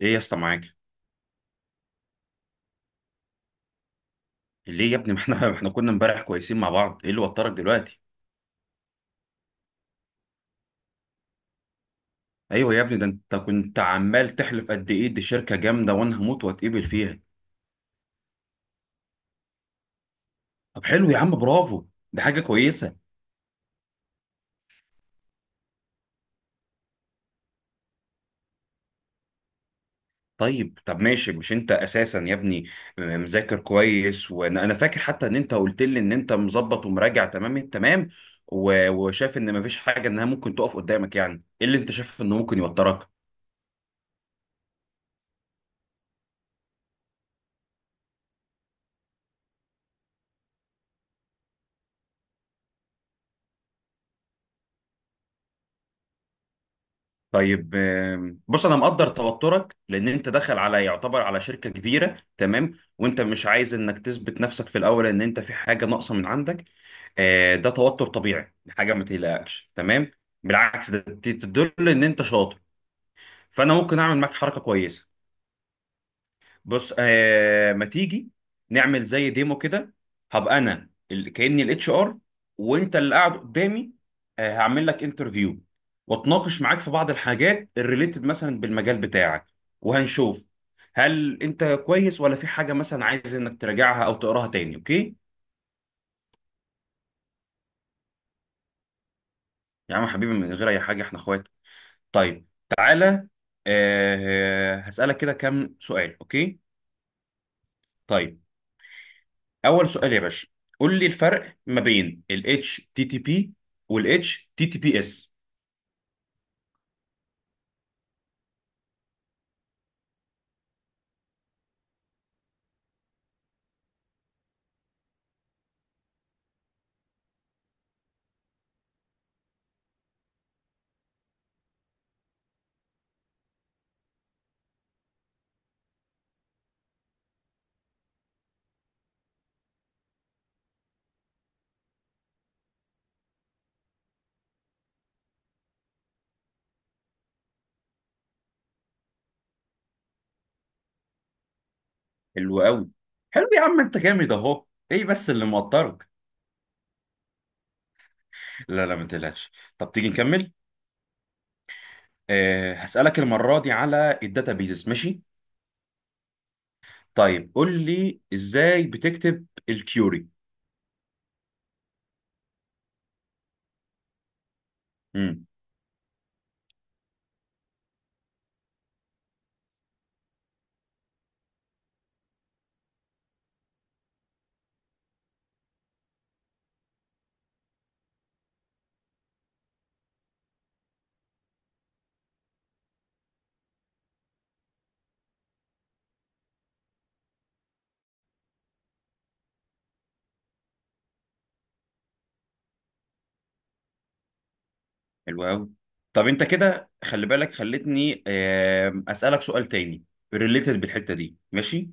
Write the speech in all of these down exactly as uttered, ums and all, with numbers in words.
ايه يا اسطى معاك. ليه يا ابني؟ ما احنا ما احنا كنا امبارح كويسين مع بعض، ايه اللي وترك دلوقتي؟ ايوه يا ابني، ده انت كنت عمال تحلف قد ايه دي شركه جامده وانا هموت واتقبل فيها. طب حلو يا عم، برافو، ده حاجه كويسه. طيب، طب ماشي، مش انت اساسا يا ابني مذاكر كويس، وانا انا فاكر حتى ان انت قلت لي ان انت مظبط ومراجع تمام التمام، و- وشايف ان مفيش حاجه انها ممكن تقف قدامك، يعني ايه اللي انت شايف انه ممكن يوترك؟ طيب آم، بص، انا مقدر توترك لان انت داخل على يعتبر على شركه كبيره تمام، وانت مش عايز انك تثبت نفسك في الاول ان انت في حاجه ناقصه من عندك. آه، ده توتر طبيعي، حاجه ما تقلقكش تمام. بالعكس، ده ت- تدل ان انت شاطر. فانا ممكن اعمل معاك حركه كويسه. بص آه ما تيجي نعمل زي ديمو كده. هبقى انا ال- كاني الاتش ار، وانت اللي قاعد قدامي. آه، هعمل لك انترفيو واتناقش معاك في بعض الحاجات الريليتد مثلا بالمجال بتاعك، وهنشوف هل انت كويس ولا في حاجه مثلا عايز انك تراجعها او تقراها تاني. اوكي يا عم حبيبي، من غير اي حاجه، احنا اخوات. طيب، تعالى، آه هسألك كده كام سؤال. اوكي، طيب، اول سؤال يا باشا، قول لي الفرق ما بين ال H T T P وال H T T P S. حلو قوي، حلو يا عم، انت جامد اهو. ايه بس اللي موترك؟ لا لا، ما تقلقش. طب تيجي نكمل. آه هسألك المرة دي على الداتابيزز، ماشي؟ طيب قول لي ازاي بتكتب الكيوري. امم. حلو قوي. طب انت كده خلي بالك، خلتني آه أسألك سؤال تاني ريليتد بالحتة دي، ماشي؟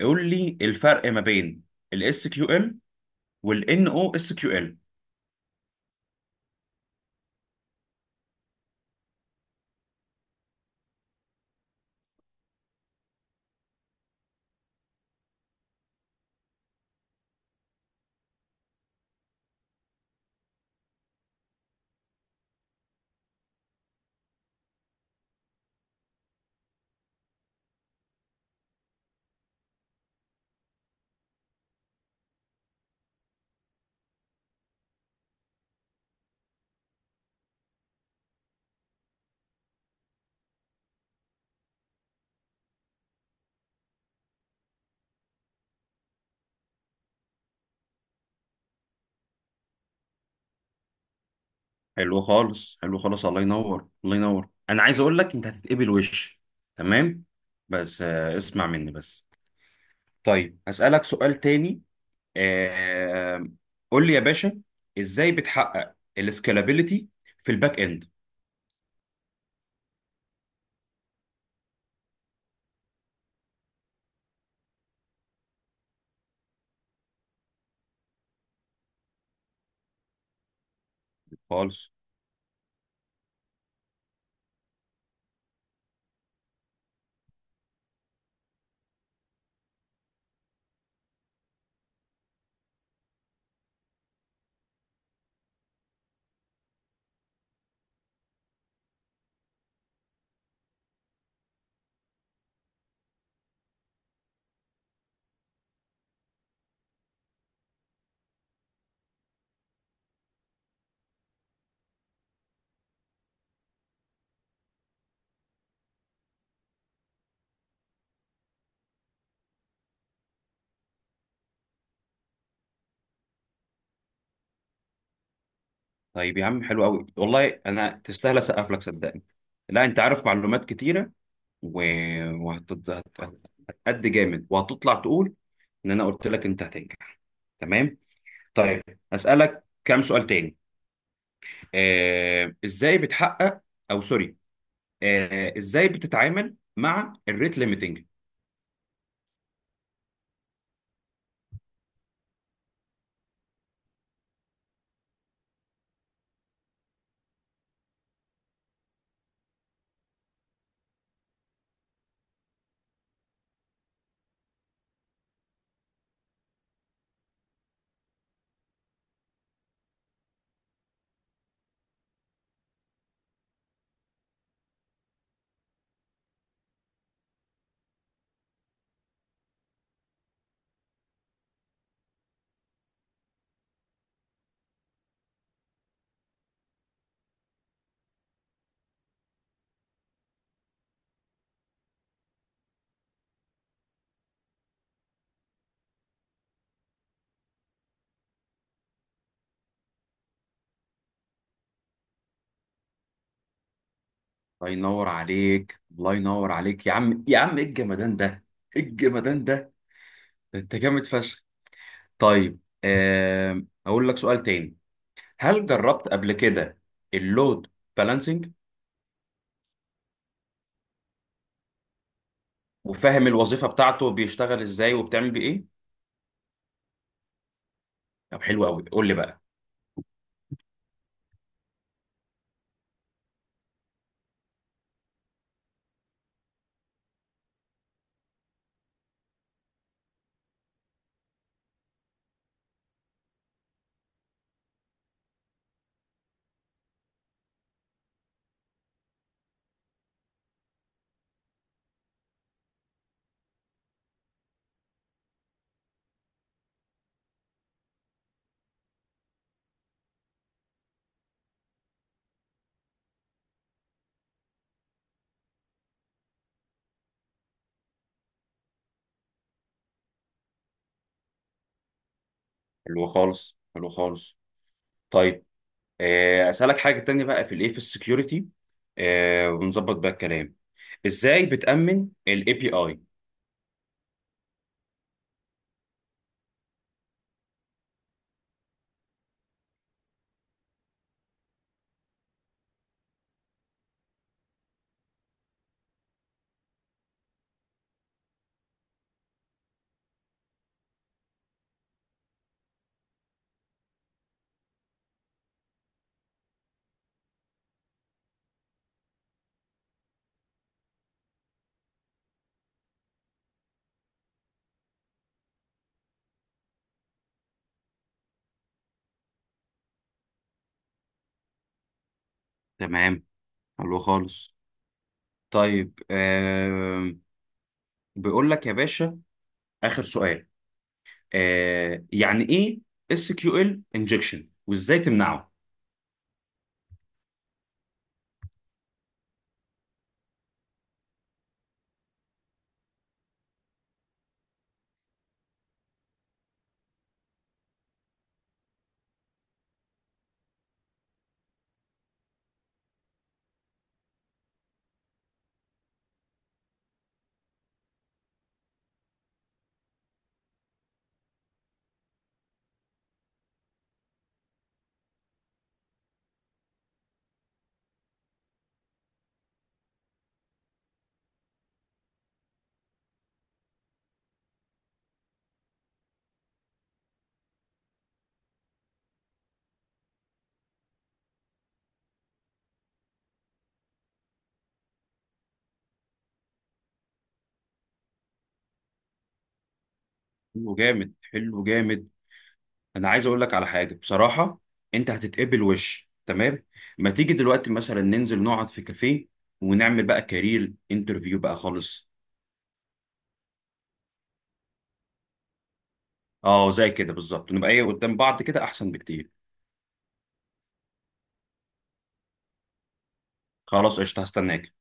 قول لي الفرق ما بين الاس كيو ال S Q L والان او اس كيو ال. حلو خالص، حلو خالص، الله ينور، الله ينور. انا عايز اقول لك انت هتتقبل وش، تمام؟ بس آه، اسمع مني بس. طيب هسألك سؤال تاني. آه، قول لي يا باشا، ازاي بتحقق السكالابيليتي في الباك اند؟ خالص. طيب يا عم، حلو قوي والله، انا تستاهل اسقف لك صدقني. لا، انت عارف معلومات كتيره و... وهتقد جامد، وهتطلع تقول ان انا قلت لك انت هتنجح، تمام. طيب أسألك كام سؤال تاني. آه، ازاي بتحقق، او سوري، آه، ازاي بتتعامل مع الريت ليميتنج؟ الله ينور عليك، الله ينور عليك يا عم، يا عم ايه الجمدان ده، ايه الجمدان ده، ده انت جامد فشخ. طيب آه، اقول لك سؤال تاني. هل جربت قبل كده اللود بالانسنج؟ وفاهم الوظيفة بتاعته بيشتغل ازاي وبتعمل بيه ايه؟ طب حلو قوي، قول لي بقى. حلو خالص، حلو خالص. طيب آه، اسالك حاجه تانية بقى في الايه، في السكيورتي. آه، ونظبط بقى الكلام، ازاي بتامن الاي بي اي؟ تمام، حلو خالص. طيب آه، بيقول لك يا باشا، اخر سؤال. آه، يعني ايه اس كيو ال انجكشن وازاي تمنعه؟ حلو جامد، حلو جامد. انا عايز اقول لك على حاجه بصراحه، انت هتتقبل وش تمام. ما تيجي دلوقتي مثلا ننزل نقعد في كافيه ونعمل بقى كارير انترفيو بقى خالص. اه زي كده بالظبط، نبقى ايه قدام بعض كده احسن بكتير. خلاص، قشطه، هستناك.